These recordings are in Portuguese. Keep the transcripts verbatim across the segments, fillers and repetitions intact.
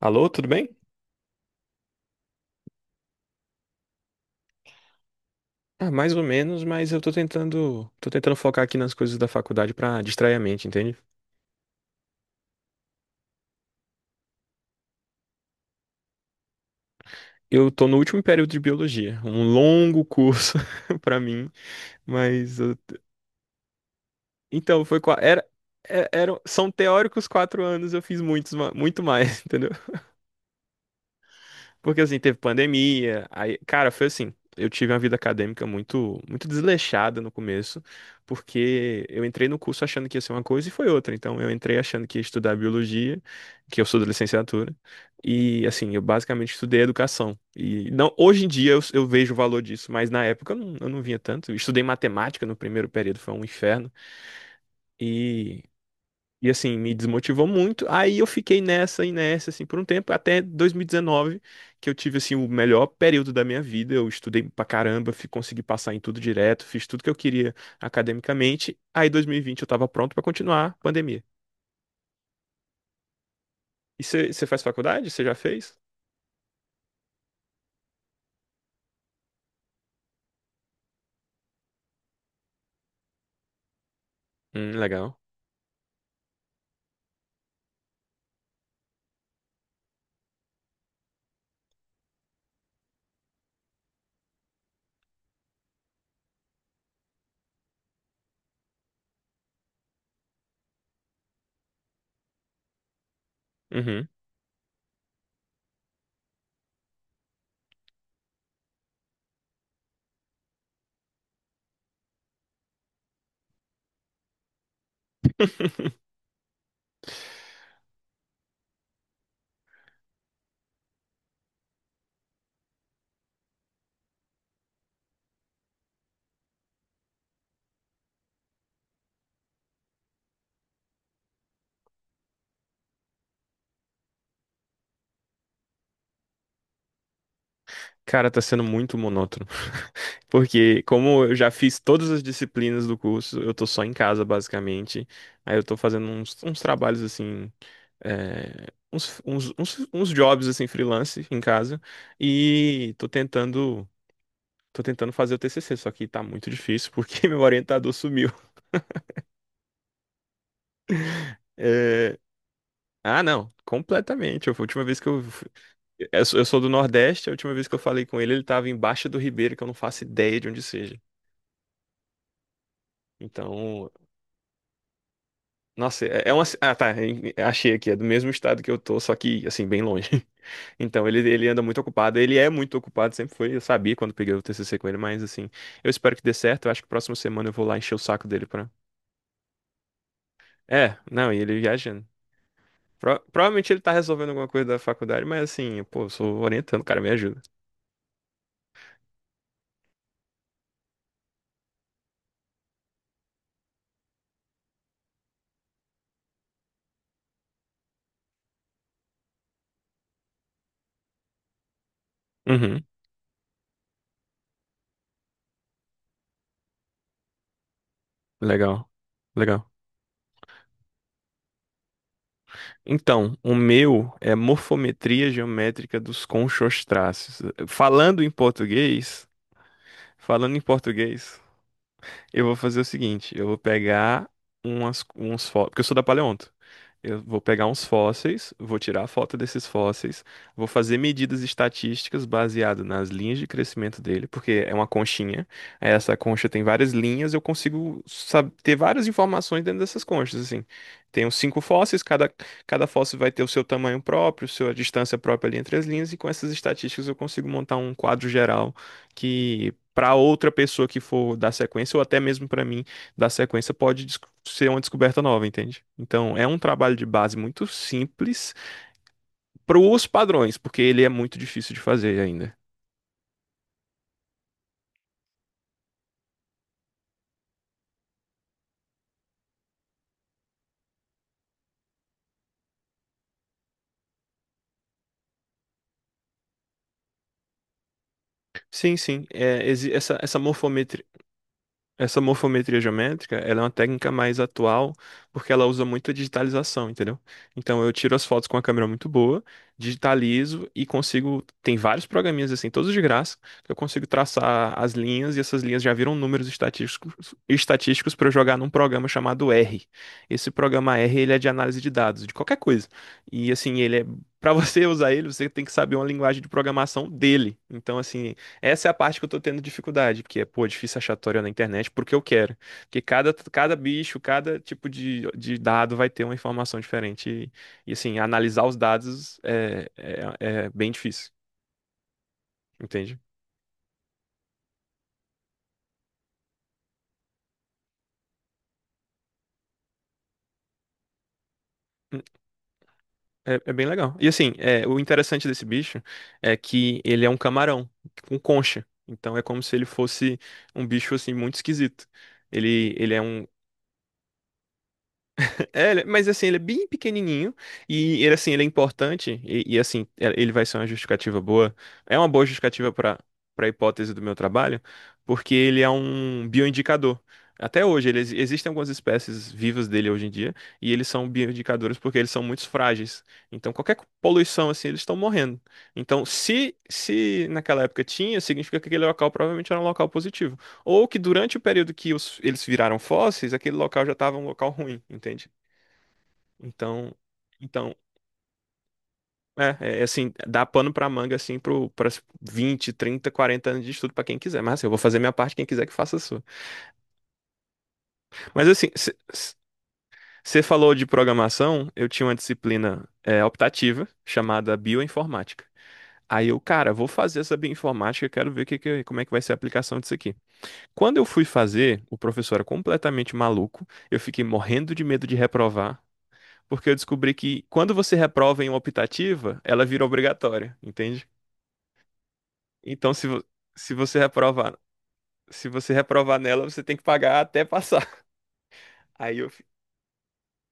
Alô, tudo bem? Ah, mais ou menos, mas eu tô tentando, tô tentando focar aqui nas coisas da faculdade pra distrair a mente, entende? Eu tô no último período de biologia, um longo curso pra mim, mas eu- então foi qua- era, é- eram são teóricos quatro anos, eu fiz muitos, ma- muito mais, entendeu? Porque assim, teve pandemia, aí, cara, foi assim, eu tive uma vida acadêmica muito muito desleixada no começo, porque eu entrei no curso achando que ia ser uma coisa e foi outra. Então eu entrei achando que ia estudar biologia, que eu sou da licenciatura, e assim, eu basicamente estudei educação. E não, hoje em dia eu, eu vejo o valor disso, mas na época eu não, eu não vinha tanto. Eu estudei matemática no primeiro período, foi um inferno. E e assim, me desmotivou muito. Aí eu fiquei nessa e nessa, assim, por um tempo, até dois mil e dezenove, que eu tive, assim, o melhor período da minha vida. Eu estudei pra caramba, fi- consegui passar em tudo direto, fiz tudo que eu queria academicamente. Aí, dois mil e vinte, eu tava pronto pra continuar a pandemia. E você faz faculdade? Você já fez? Hum, legal. Uhum. Cara, tá sendo muito monótono. Porque, como eu já fiz todas as disciplinas do curso, eu tô só em casa, basicamente. Aí eu tô fazendo uns, uns trabalhos assim. é, uns, uns, uns, uns jobs assim freelance em casa e tô tentando tô tentando fazer o T C C, só que tá muito difícil porque meu orientador sumiu. É. Ah, não, completamente. Eu- A última vez que eu, fui- eu sou eu sou do Nordeste, a última vez que eu falei com ele, ele tava em Baixa do Ribeiro, que eu não faço ideia de onde seja. Então, nossa, é é uma. ci- Ah, tá. em- Achei aqui. É do mesmo estado que eu tô, só que, assim, bem longe. Então, ele, ele anda muito ocupado. Ele é muito ocupado, sempre foi. Eu sabia quando peguei o T C C com ele, mas, assim, eu espero que dê certo. Eu acho que próxima semana eu vou lá encher o saco dele pra. É, não, e ele viajando. Pro- Provavelmente ele tá resolvendo alguma coisa da faculdade, mas, assim, pô, eu sou orientando, o cara, me ajuda. Uhum, legal. Legal. Então, o meu é morfometria geométrica dos conchostráceos. Falando em português, falando em português. Eu vou fazer o seguinte, eu vou pegar umas, uns fósseis, porque eu sou da paleonto. Eu vou pegar uns fósseis, vou tirar a foto desses fósseis, vou fazer medidas estatísticas baseado nas linhas de crescimento dele, porque é uma conchinha. Aí Essa concha tem várias linhas, eu consigo sab- ter várias informações dentro dessas conchas, assim. Tenho cinco fósseis, cada, cada fóssil vai ter o seu tamanho próprio, sua distância própria ali entre as linhas, e com essas estatísticas eu consigo montar um quadro geral para outra pessoa que for dar sequência, ou até mesmo para mim dar sequência, pode des- ser uma descoberta nova, entende? Então, é um trabalho de base muito simples para os padrões, porque ele é muito difícil de fazer ainda. Sim, sim. É, exi- essa, essa morfometria, essa morfometria geométrica, ela é uma técnica mais atual, porque ela usa muito a digitalização, entendeu? Então eu tiro as fotos com uma câmera muito boa, digitalizo e consigo, tem vários programinhas assim, todos de graça, que eu consigo traçar as linhas e essas linhas já viram números estatísticos, estatísticos para eu jogar num programa chamado R. Esse programa R, ele é de análise de dados, de qualquer coisa. E assim, ele é para você usar ele, você tem que saber uma linguagem de programação dele. Então assim, essa é a parte que eu tô tendo dificuldade, porque é, pô, é difícil achar tutorial na internet porque eu quero. Porque cada, cada bicho, cada tipo de, de dado vai ter uma informação diferente. E, e, assim, analisar os dados é, é, é bem difícil, entende? Hum. É, é bem legal. E assim, é, o interessante desse bicho é que ele é um camarão com concha. Então é como se ele fosse um bicho assim muito esquisito. Ele, ele é um... É, ele- mas assim, ele é bem pequenininho e ele assim, ele é importante e, e, assim, é- ele vai ser uma justificativa boa. É uma boa justificativa para para a hipótese do meu trabalho, porque ele é um bioindicador. Até hoje, ele, exi- existem algumas espécies vivas dele hoje em dia e eles são bioindicadores porque eles são muito frágeis. Então, qualquer poluição assim, eles estão morrendo. Então, se se naquela época tinha, significa que aquele local provavelmente era um local positivo, ou que durante o período que os- eles viraram fósseis, aquele local já estava um local ruim, entende? Então, então, é, é é assim, dá pano pra manga assim pro para vinte trinta quarenta anos de estudo pra quem quiser. Mas assim, eu vou fazer minha parte, quem quiser que faça a sua. Mas assim, você falou de programação, eu tinha uma disciplina é, optativa chamada bioinformática. Aí eu, cara, vou fazer essa bioinformática, quero ver que, que- como é que vai ser a aplicação disso aqui. Quando eu fui fazer, o professor era completamente maluco, eu fiquei morrendo de medo de reprovar, porque eu descobri que quando você reprova em uma optativa, ela vira obrigatória, entende? Então, se, vo- se você reprovar, se você reprovar nela, você tem que pagar até passar. Aí eu, fi-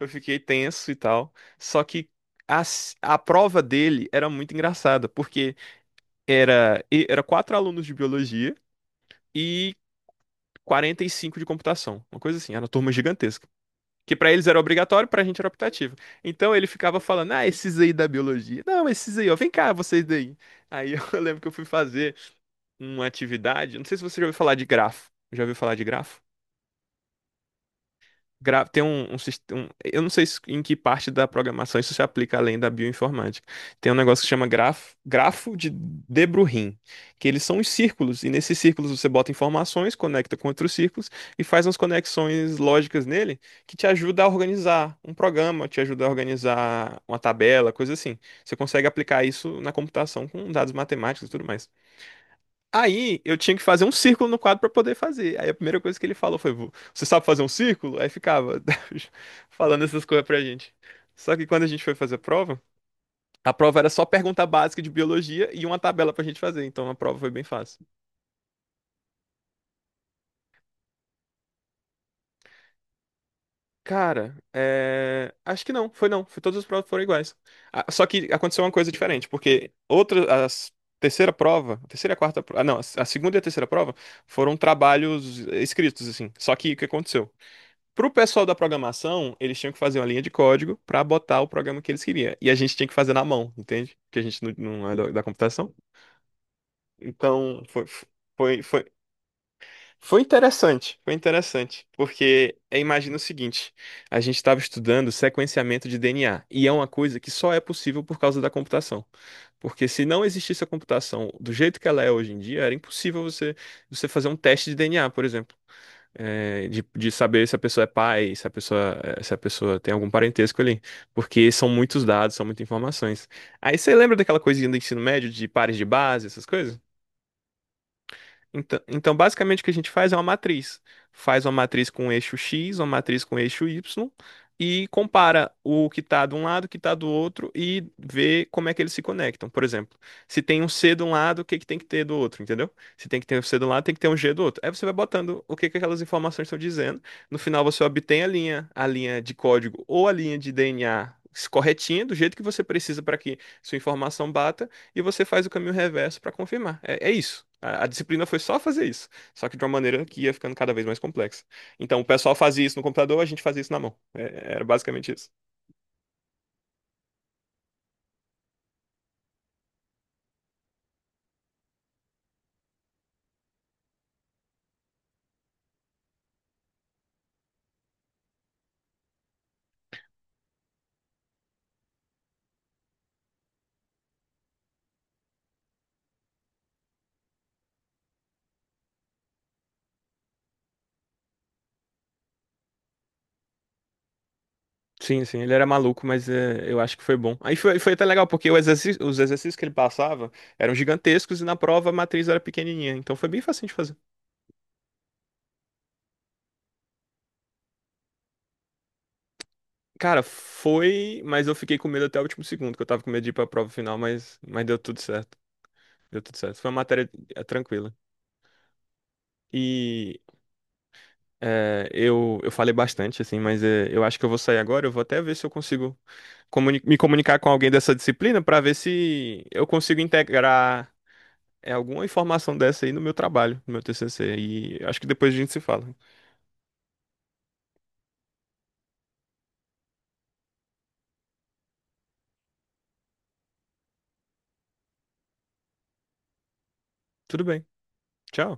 eu fiquei tenso e tal. Só que a, s- a prova dele era muito engraçada, porque era, e- era quatro alunos de biologia e quarenta e cinco de computação. Uma coisa assim, era uma turma gigantesca. Que pra eles era obrigatório, pra gente era optativo. Então ele ficava falando, ah, esses aí da biologia. Não, esses aí, ó, vem cá, vocês daí. Aí eu lembro que eu fui fazer uma atividade, não sei se você já ouviu falar de grafo. Já ouviu falar de grafo? gra- Tem um, um sistema. Eu não sei se- em que parte da programação isso se aplica além da bioinformática. Tem um negócio que chama grafo, grafo de De Broglie, que eles são os círculos, e nesses círculos você bota informações, conecta com outros círculos e faz umas conexões lógicas nele que te ajuda a organizar um programa, te ajuda a organizar uma tabela, coisa assim. Você consegue aplicar isso na computação com dados matemáticos e tudo mais. Aí eu tinha que fazer um círculo no quadro pra poder fazer. Aí a primeira coisa que ele falou foi: "Vo- Você sabe fazer um círculo?" Aí ficava falando essas coisas pra gente. Só que quando a gente foi fazer a prova, a prova era só pergunta básica de biologia e uma tabela pra gente fazer. Então a prova foi bem fácil. Cara, é... acho que não, foi não. Foi, todas as provas foram iguais. Ah, só que aconteceu uma coisa diferente, porque outra, as terceira prova, a terceira e a quarta prova, ah, não, a a segunda e a terceira prova foram trabalhos escritos, assim. Só que o que aconteceu? Pro pessoal da programação, eles tinham que fazer uma linha de código para botar o programa que eles queriam. E a gente tinha que fazer na mão, entende? Porque a gente não, não é da, da computação. Então, foi, foi, foi, foi interessante. Foi interessante. Porque é, imagina o seguinte: a gente estava estudando sequenciamento de D N A. E é uma coisa que só é possível por causa da computação. Porque se não existisse a computação do jeito que ela é hoje em dia, era impossível você, você fazer um teste de D N A, por exemplo é, de, de saber se a pessoa é pai, se a pessoa, eh, se a pessoa tem algum parentesco ali. Porque são muitos dados, são muitas informações. Aí você lembra daquela coisinha do ensino médio, de pares de base, essas coisas? Então, então, basicamente o que a gente faz é uma matriz. Faz uma matriz com eixo X, uma matriz com eixo Y e compara o que está de um lado, o que está do outro e vê como é que eles se conectam. Por exemplo, se tem um C de um lado, o que que tem que ter do outro, entendeu? Se tem que ter um C de um lado, tem que ter um G do outro. Aí você vai botando o que que aquelas informações estão dizendo. No final você obtém a linha, a linha de código ou a linha de D N A corretinha, do jeito que você precisa para que sua informação bata e você faz o caminho reverso para confirmar. É, é isso. A, a disciplina foi só fazer isso, só que de uma maneira que ia ficando cada vez mais complexa. Então, o pessoal fazia isso no computador, a gente fazia isso na mão. É- era basicamente isso. Sim, sim, ele era maluco, mas é, eu acho que foi bom. Aí foi, foi até legal, porque o exerci- os exercícios que ele passava eram gigantescos e na prova a matriz era pequenininha, então foi bem fácil de fazer. Cara, foi, mas eu fiquei com medo até o último segundo, que eu tava com medo de ir pra prova final, mas, mas deu tudo certo. Deu tudo certo. Foi uma matéria eh, tranquila. E... É, eu, eu falei bastante, assim, mas é, eu acho que eu vou sair agora. Eu vou até ver se eu consigo comuni- me comunicar com alguém dessa disciplina para ver se eu consigo integrar é, alguma informação dessa aí no meu trabalho, no meu T C C. E acho que depois a gente se fala. Tudo bem. Tchau.